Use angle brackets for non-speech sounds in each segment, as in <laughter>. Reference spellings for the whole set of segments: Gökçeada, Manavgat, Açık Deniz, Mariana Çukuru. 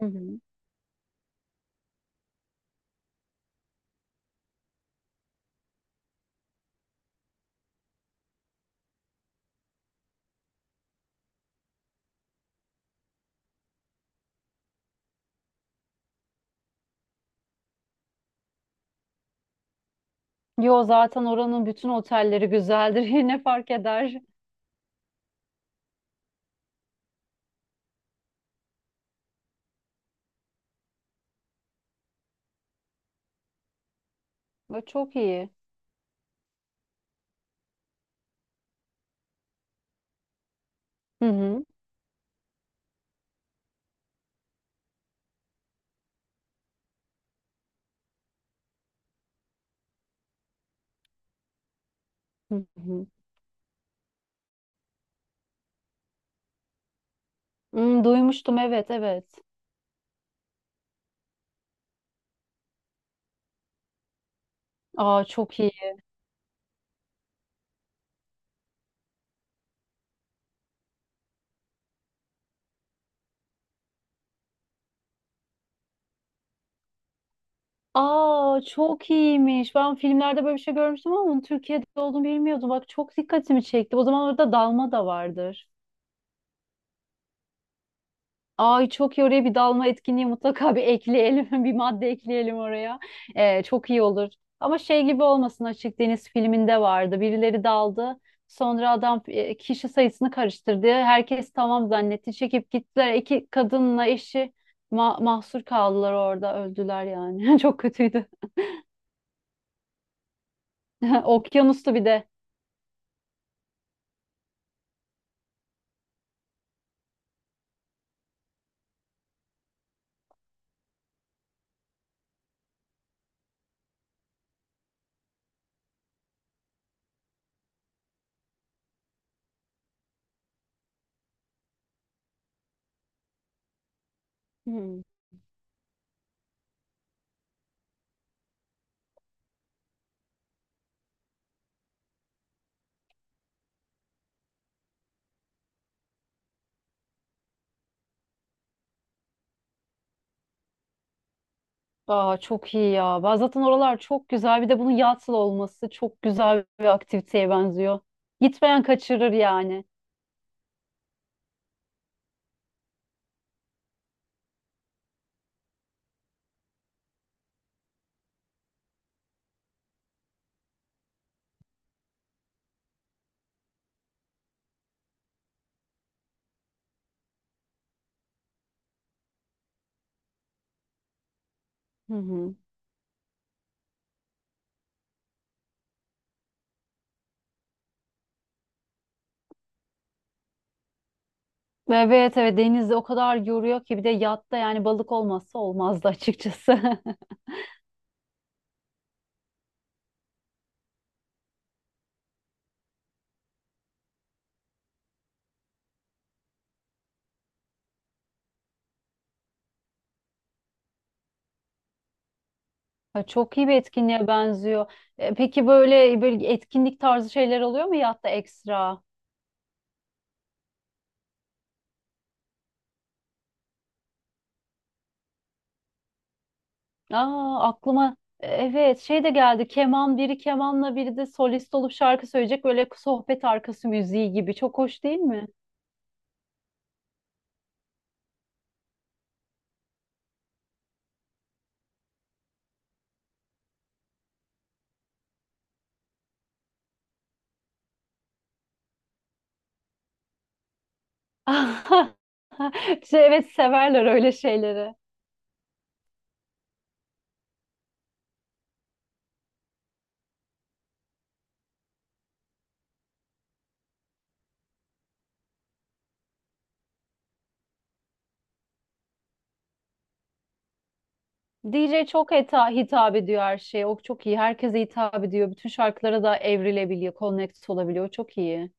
Hı hı. Yo zaten oranın bütün otelleri güzeldir. <laughs> Yine fark eder? Ve çok iyi. Hı hı. Hı hı. Hmm, duymuştum evet evet. Aa çok iyi. Aa çok iyiymiş. Ben filmlerde böyle bir şey görmüştüm ama onun Türkiye'de olduğunu bilmiyordum. Bak çok dikkatimi çekti. O zaman orada dalma da vardır. Ay çok iyi oraya bir dalma etkinliği mutlaka bir ekleyelim. <laughs> Bir madde ekleyelim oraya. Çok iyi olur. Ama şey gibi olmasın, Açık Deniz filminde vardı. Birileri daldı. Sonra adam kişi sayısını karıştırdı. Herkes tamam zannetti. Çekip gittiler. İki kadınla eşi mahsur kaldılar orada. Öldüler yani. <laughs> Çok kötüydü. <laughs> Okyanustu bir de. Hmm. Aa, çok iyi ya. Ben zaten oralar çok güzel. Bir de bunun yatsıl olması çok güzel bir aktiviteye benziyor. Gitmeyen kaçırır yani. Hı hı. Evet evet, denizde o kadar yoruyor ki bir de yatta, yani balık olmazsa olmazdı açıkçası. <laughs> Ha, çok iyi bir etkinliğe benziyor. Peki böyle böyle etkinlik tarzı şeyler oluyor mu yatta ekstra? Aa aklıma evet şey de geldi. Keman, biri kemanla biri de solist olup şarkı söyleyecek, böyle sohbet arkası müziği gibi. Çok hoş değil mi? <laughs> Şey, evet severler öyle şeyleri. DJ çok hitap ediyor her şeye. O çok iyi. Herkese hitap ediyor. Bütün şarkılara da evrilebiliyor, connect olabiliyor. Çok iyi.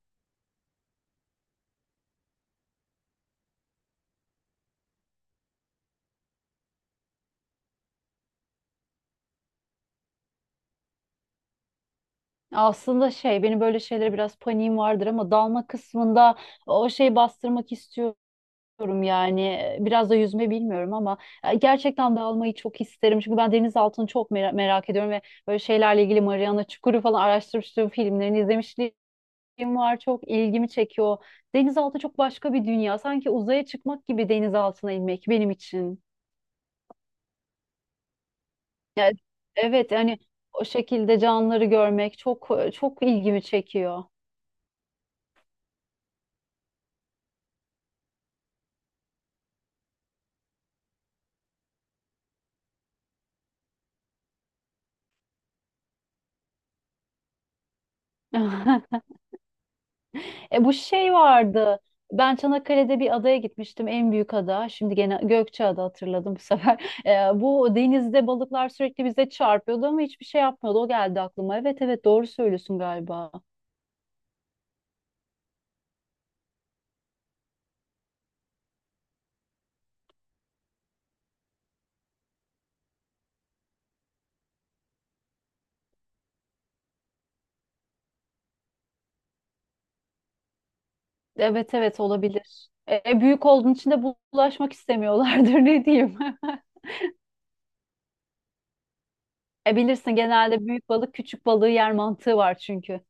Aslında şey, benim böyle şeylere biraz paniğim vardır ama dalma kısmında o şeyi bastırmak istiyorum yani. Biraz da yüzme bilmiyorum ama gerçekten dalmayı çok isterim. Çünkü ben deniz altını çok merak ediyorum ve böyle şeylerle ilgili Mariana Çukuru falan araştırmıştım, filmlerini izlemiştim, film var, çok ilgimi çekiyor. Denizaltı çok başka bir dünya. Sanki uzaya çıkmak gibi denizaltına inmek benim için. Yani, evet yani o şekilde canlıları görmek çok çok ilgimi çekiyor. <laughs> E bu şey vardı. Ben Çanakkale'de bir adaya gitmiştim. En büyük ada. Şimdi gene Gökçeada, hatırladım bu sefer. <laughs> Bu denizde balıklar sürekli bize çarpıyordu ama hiçbir şey yapmıyordu. O geldi aklıma. Evet evet, doğru söylüyorsun galiba. Evet evet olabilir. Büyük olduğun için de bulaşmak istemiyorlardır, <laughs> ne diyeyim. <laughs> Bilirsin, genelde büyük balık küçük balığı yer mantığı var çünkü.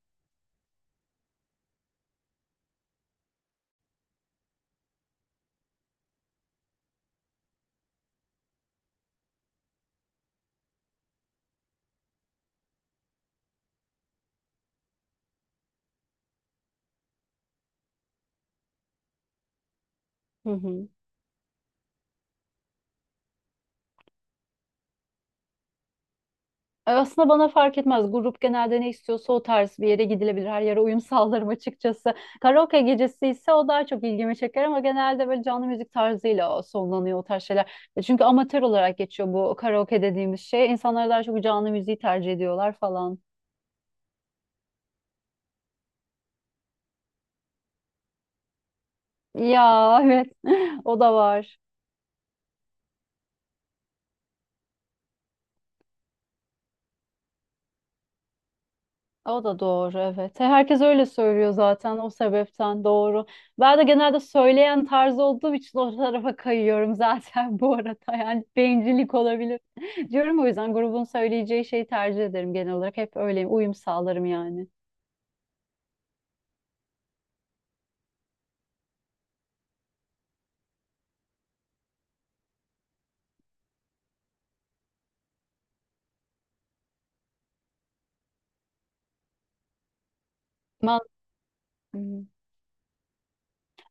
Hı hı. Aslında bana fark etmez. Grup genelde ne istiyorsa o tarz bir yere gidilebilir. Her yere uyum <laughs> sağlarım açıkçası. Karaoke gecesi ise o daha çok ilgimi çeker ama genelde böyle canlı müzik tarzıyla o sonlanıyor, o tarz şeyler. Çünkü amatör olarak geçiyor bu karaoke dediğimiz şey. İnsanlar daha çok canlı müziği tercih ediyorlar falan. Ya evet, <laughs> o da var. O da doğru, evet. Herkes öyle söylüyor zaten, o sebepten doğru. Ben de genelde söyleyen tarzı olduğum için o tarafa kayıyorum zaten <laughs> bu arada. Yani bencillik olabilir. <laughs> Diyorum o yüzden grubun söyleyeceği şeyi tercih ederim genel olarak. Hep öyleyim. Uyum sağlarım yani. Man Hmm.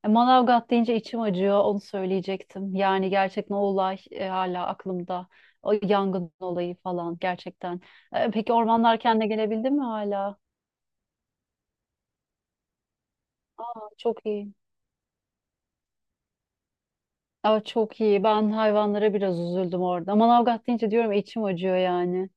Manavgat deyince içim acıyor. Onu söyleyecektim. Yani gerçekten o olay hala aklımda. O yangın olayı falan, gerçekten. Peki ormanlar kendine gelebildin mi hala? Çok iyi. Aa, çok iyi. Ben hayvanlara biraz üzüldüm orada. Manavgat deyince diyorum içim acıyor yani.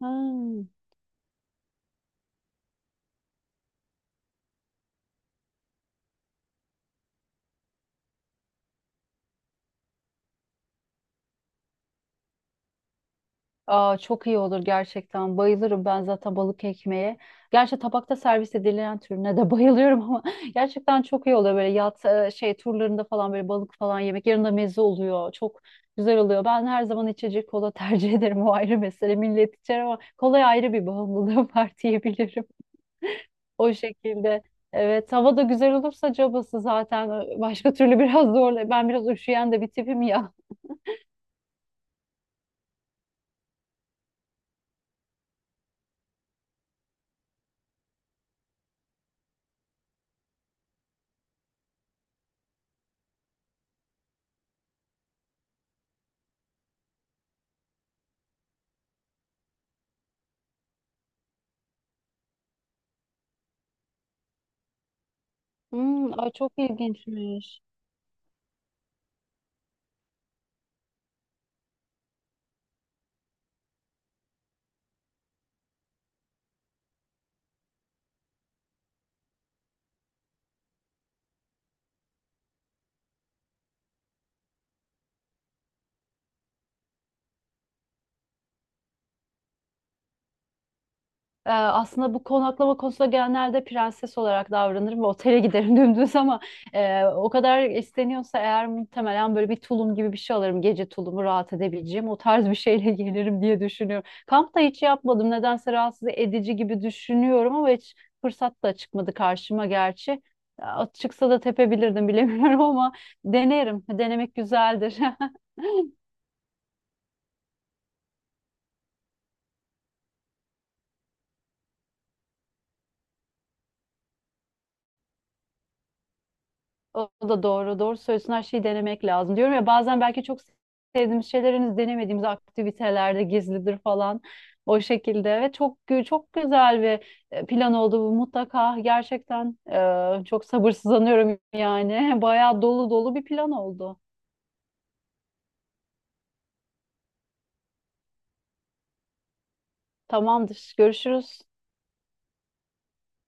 Ha. Aa, çok iyi olur gerçekten. Bayılırım ben zaten balık ekmeğe. Gerçi tabakta servis edilen türüne de <laughs> bayılıyorum ama gerçekten çok iyi oluyor böyle yat şey turlarında falan böyle balık falan yemek. Yanında meze oluyor. Çok güzel oluyor. Ben her zaman içecek kola tercih <laughs> ederim. O ayrı mesele. Millet içer ama kolaya ayrı bir bağımlılığım <laughs> var diyebilirim. <laughs> O şekilde. Evet, hava da güzel olursa cabası zaten, başka türlü biraz zorla. Ben biraz üşüyen de bir tipim ya. Hmm, ay çok ilginçmiş. Aslında bu konaklama konusunda genelde prenses olarak davranırım ve otele giderim <laughs> dümdüz, ama o kadar isteniyorsa eğer muhtemelen böyle bir tulum gibi bir şey alırım. Gece tulumu, rahat edebileceğim o tarz bir şeyle <laughs> gelirim diye düşünüyorum. Kampta hiç yapmadım. Nedense rahatsız edici gibi düşünüyorum ama hiç fırsat da çıkmadı karşıma gerçi. Ya, çıksa da tepebilirdim bilemiyorum <laughs> ama denerim. Denemek güzeldir. <laughs> O da doğru. Doğru söylüyorsun. Her şeyi denemek lazım. Diyorum ya, bazen belki çok sevdiğimiz şeyler denemediğimiz aktivitelerde gizlidir falan. O şekilde, ve çok güzel bir plan oldu bu mutlaka. Gerçekten çok sabırsızlanıyorum yani. <laughs> Bayağı dolu dolu bir plan oldu. Tamamdır. Görüşürüz.